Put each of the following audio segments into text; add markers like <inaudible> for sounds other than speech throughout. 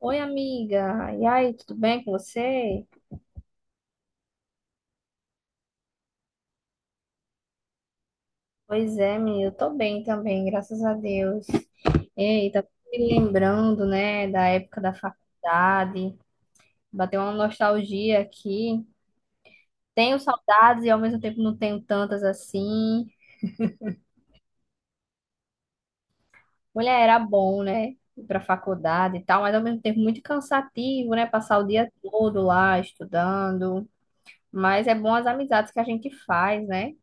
Oi, amiga. E aí, tudo bem com você? Pois é, menina, eu tô bem também, graças a Deus. Ei, tá me lembrando, né, da época da faculdade, bateu uma nostalgia aqui. Tenho saudades e ao mesmo tempo não tenho tantas assim. Mulher, era bom, né, ir pra faculdade e tal, mas ao mesmo tempo muito cansativo, né, passar o dia todo lá estudando. Mas é bom as amizades que a gente faz, né?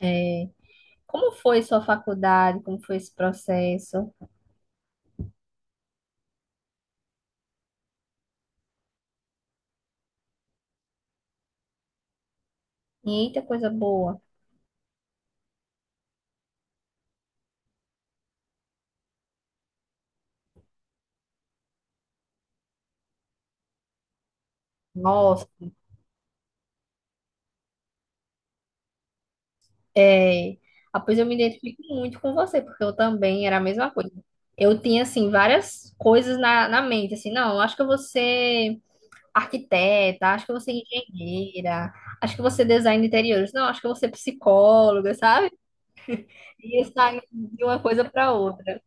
É, como foi sua faculdade? Como foi esse processo? Eita, coisa boa. Nossa, é. Ah, pois eu me identifico muito com você, porque eu também era a mesma coisa. Eu tinha, assim, várias coisas na mente, assim, não, acho que eu vou ser arquiteta, acho que eu vou ser engenheira, acho que eu vou ser design de interiores, não, acho que eu vou ser psicóloga, <laughs> sabe? E eu saí de uma coisa para outra.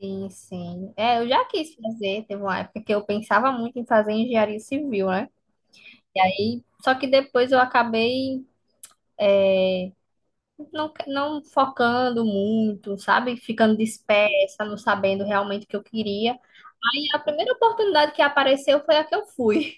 Sim, sim. É, eu já quis fazer, teve uma época que eu pensava muito em fazer engenharia civil, né? E aí, só que depois eu acabei não focando muito, sabe? Ficando dispersa, não sabendo realmente o que eu queria. Aí a primeira oportunidade que apareceu foi a que eu fui.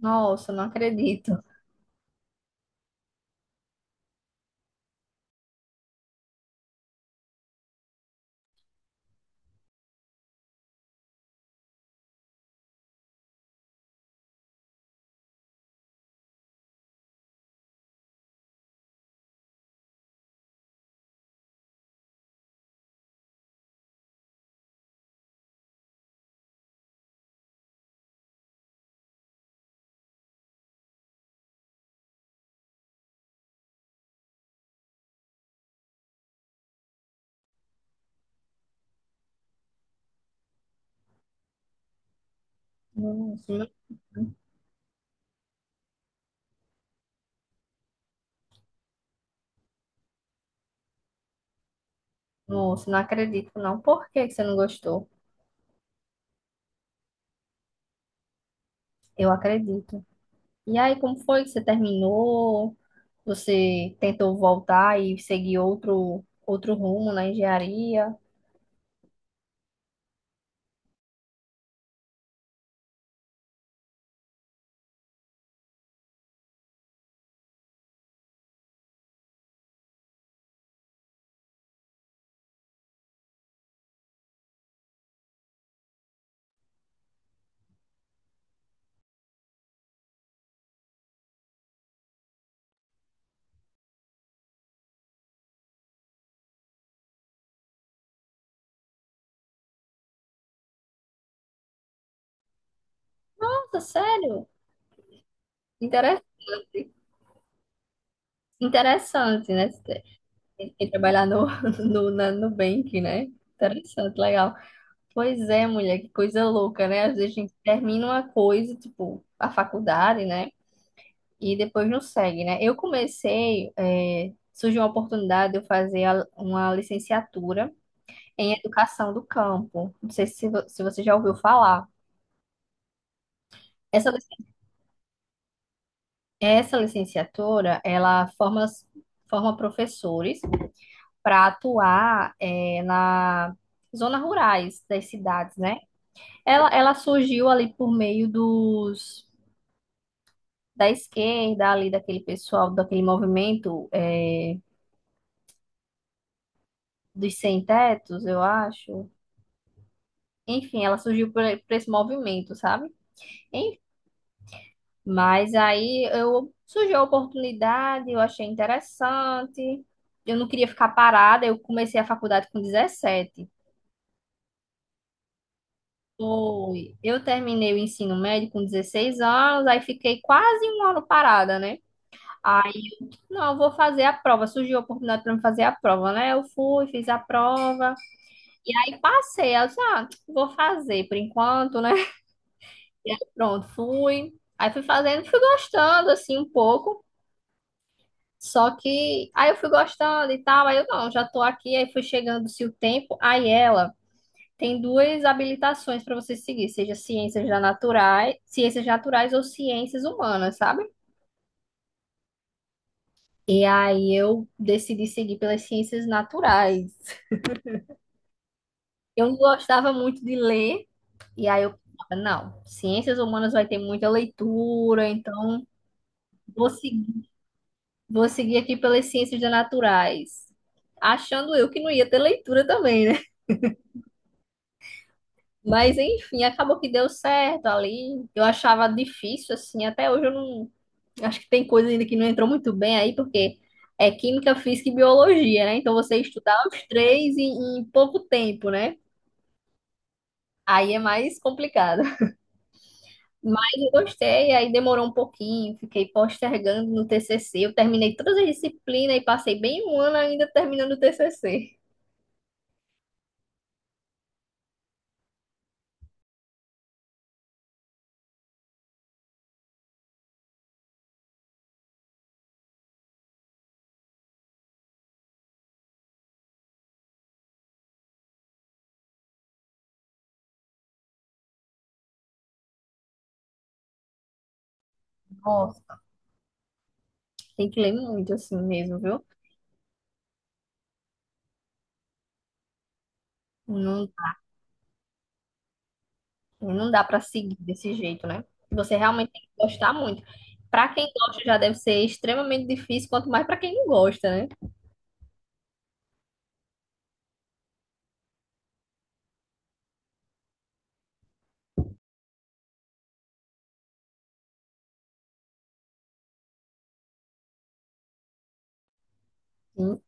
Nossa, não acredito. Nossa, não, nossa, não acredito, não. Por que que você não gostou? Eu acredito. E aí, como foi que você terminou? Você tentou voltar e seguir outro rumo na engenharia? Nossa, sério? Interessante, interessante, né? E trabalhar <laughs> no Nubank, né? Interessante, legal. Pois é, mulher, que coisa louca, né? Às vezes a gente termina uma coisa, tipo, a faculdade, né? E depois não segue, né? Eu comecei, é, surgiu uma oportunidade de eu fazer uma licenciatura em educação do campo. Não sei se você já ouviu falar. Essa, lic- essa licenciatura, ela forma professores para atuar, na zonas rurais das cidades, né? Ela surgiu ali por meio dos da esquerda, ali daquele pessoal, daquele movimento dos sem-tetos, eu acho. Enfim, ela surgiu por esse movimento, sabe? Em- mas aí eu surgiu a oportunidade, eu achei interessante. Eu não queria ficar parada, eu comecei a faculdade com 17. Foi. Eu terminei o ensino médio com 16 anos, aí fiquei quase um ano parada, né? Não, eu vou fazer a prova. Surgiu a oportunidade para me fazer a prova, né? Eu fui, fiz a prova. E aí passei. Aí eu disse, ah, vou fazer por enquanto, né? <laughs> E aí pronto, fui. Aí fui fazendo, fui gostando, assim, um pouco. Só que aí eu fui gostando e tal. Aí eu, não, já tô aqui. Aí fui chegando-se o tempo. Aí ela tem duas habilitações para você seguir, seja ciências da naturais, ciências naturais ou ciências humanas, sabe? E aí eu decidi seguir pelas ciências naturais. Eu não gostava muito de ler, e aí eu pensava, não, ciências humanas vai ter muita leitura, então vou seguir, vou seguir aqui pelas ciências naturais. Achando eu que não ia ter leitura também, né? Mas enfim, acabou que deu certo ali. Eu achava difícil, assim, até hoje eu não. Acho que tem coisa ainda que não entrou muito bem aí, porque é química, física e biologia, né? Então você estudar os três em pouco tempo, né? Aí é mais complicado. Mas eu gostei, aí demorou um pouquinho, fiquei postergando no TCC. Eu terminei todas as disciplinas e passei bem um ano ainda terminando o TCC. Nossa, tem que ler muito assim mesmo, viu? Não, não dá pra seguir desse jeito, né? Você realmente tem que gostar muito. Pra quem gosta já deve ser extremamente difícil, quanto mais pra quem não gosta, né? Sim,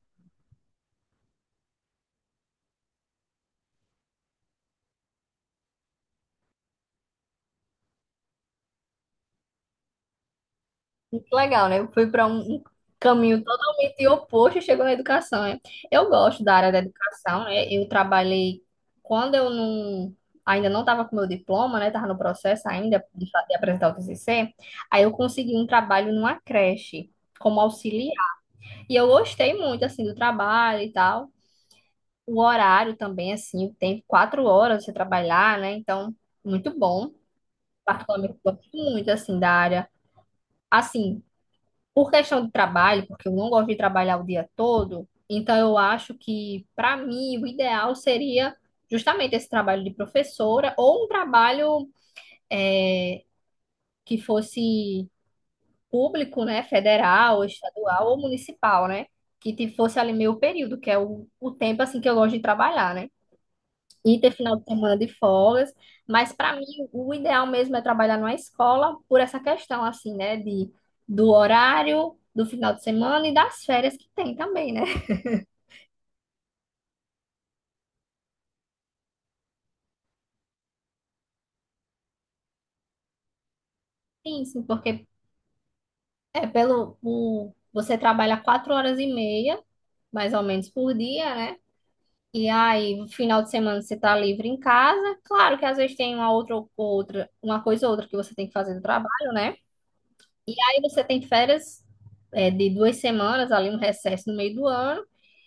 muito legal, né? Eu fui para um caminho totalmente oposto e chegou na educação, né? Eu gosto da área da educação, né? Eu trabalhei quando eu ainda não estava com meu diploma, né? Estava no processo ainda de apresentar o TCC. Aí eu consegui um trabalho numa creche como auxiliar. E eu gostei muito assim do trabalho e tal. O horário também assim, tem 4 horas você trabalhar, né? Então, muito bom. Particularmente gosto muito assim da área. Assim, por questão de trabalho, porque eu não gosto de trabalhar o dia todo, então eu acho que, para mim, o ideal seria justamente esse trabalho de professora ou um trabalho que fosse público, né, federal, estadual ou municipal, né, que fosse ali meio período, que é o tempo, assim, que eu gosto de trabalhar, né, e ter final de semana de folgas, mas para mim o ideal mesmo é trabalhar numa escola por essa questão, assim, né, de, do horário, do final de semana e das férias que tem também, né? Sim, sim, porque é pelo o, você trabalha 4 horas e meia, mais ou menos por dia, né? E aí, no final de semana você tá livre em casa. Claro que às vezes tem uma coisa ou outra que você tem que fazer no trabalho, né? Aí você tem férias é, de 2 semanas, ali um recesso no meio do ano,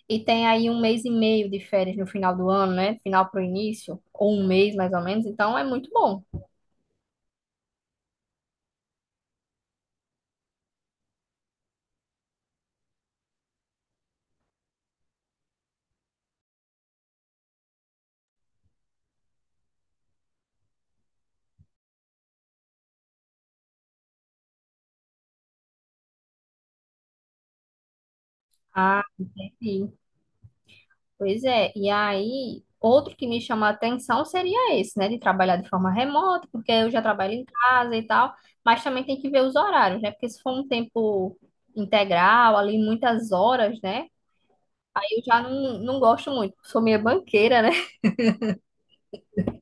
e tem aí um mês e meio de férias no final do ano, né? Final pro início, ou um mês mais ou menos, então é muito bom. Ah, sim, pois é, e aí, outro que me chama a atenção seria esse, né, de trabalhar de forma remota, porque eu já trabalho em casa e tal, mas também tem que ver os horários, né, porque se for um tempo integral, ali muitas horas, né, aí eu já não gosto muito, sou meio banqueira, né,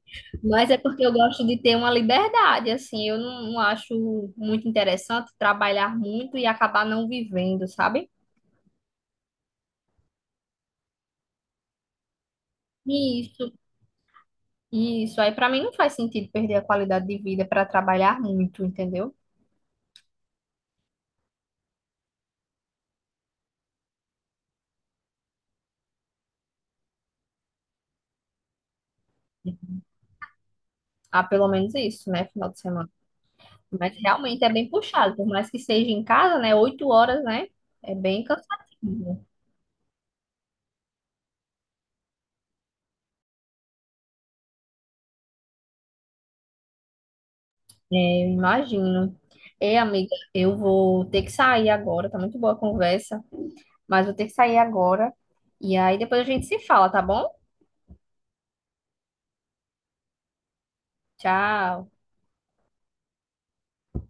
<laughs> mas é porque eu gosto de ter uma liberdade, assim, eu não acho muito interessante trabalhar muito e acabar não vivendo, sabe? Isso, isso, aí pra mim não faz sentido perder a qualidade de vida para trabalhar muito, entendeu? Ah, pelo menos isso, né? Final de semana. Mas realmente é bem puxado, por mais que seja em casa, né? 8 horas, né? É bem cansativo. É, eu imagino. Ei, amiga, eu vou ter que sair agora. Tá muito boa a conversa, mas vou ter que sair agora. E aí depois a gente se fala, tá bom? Tchau.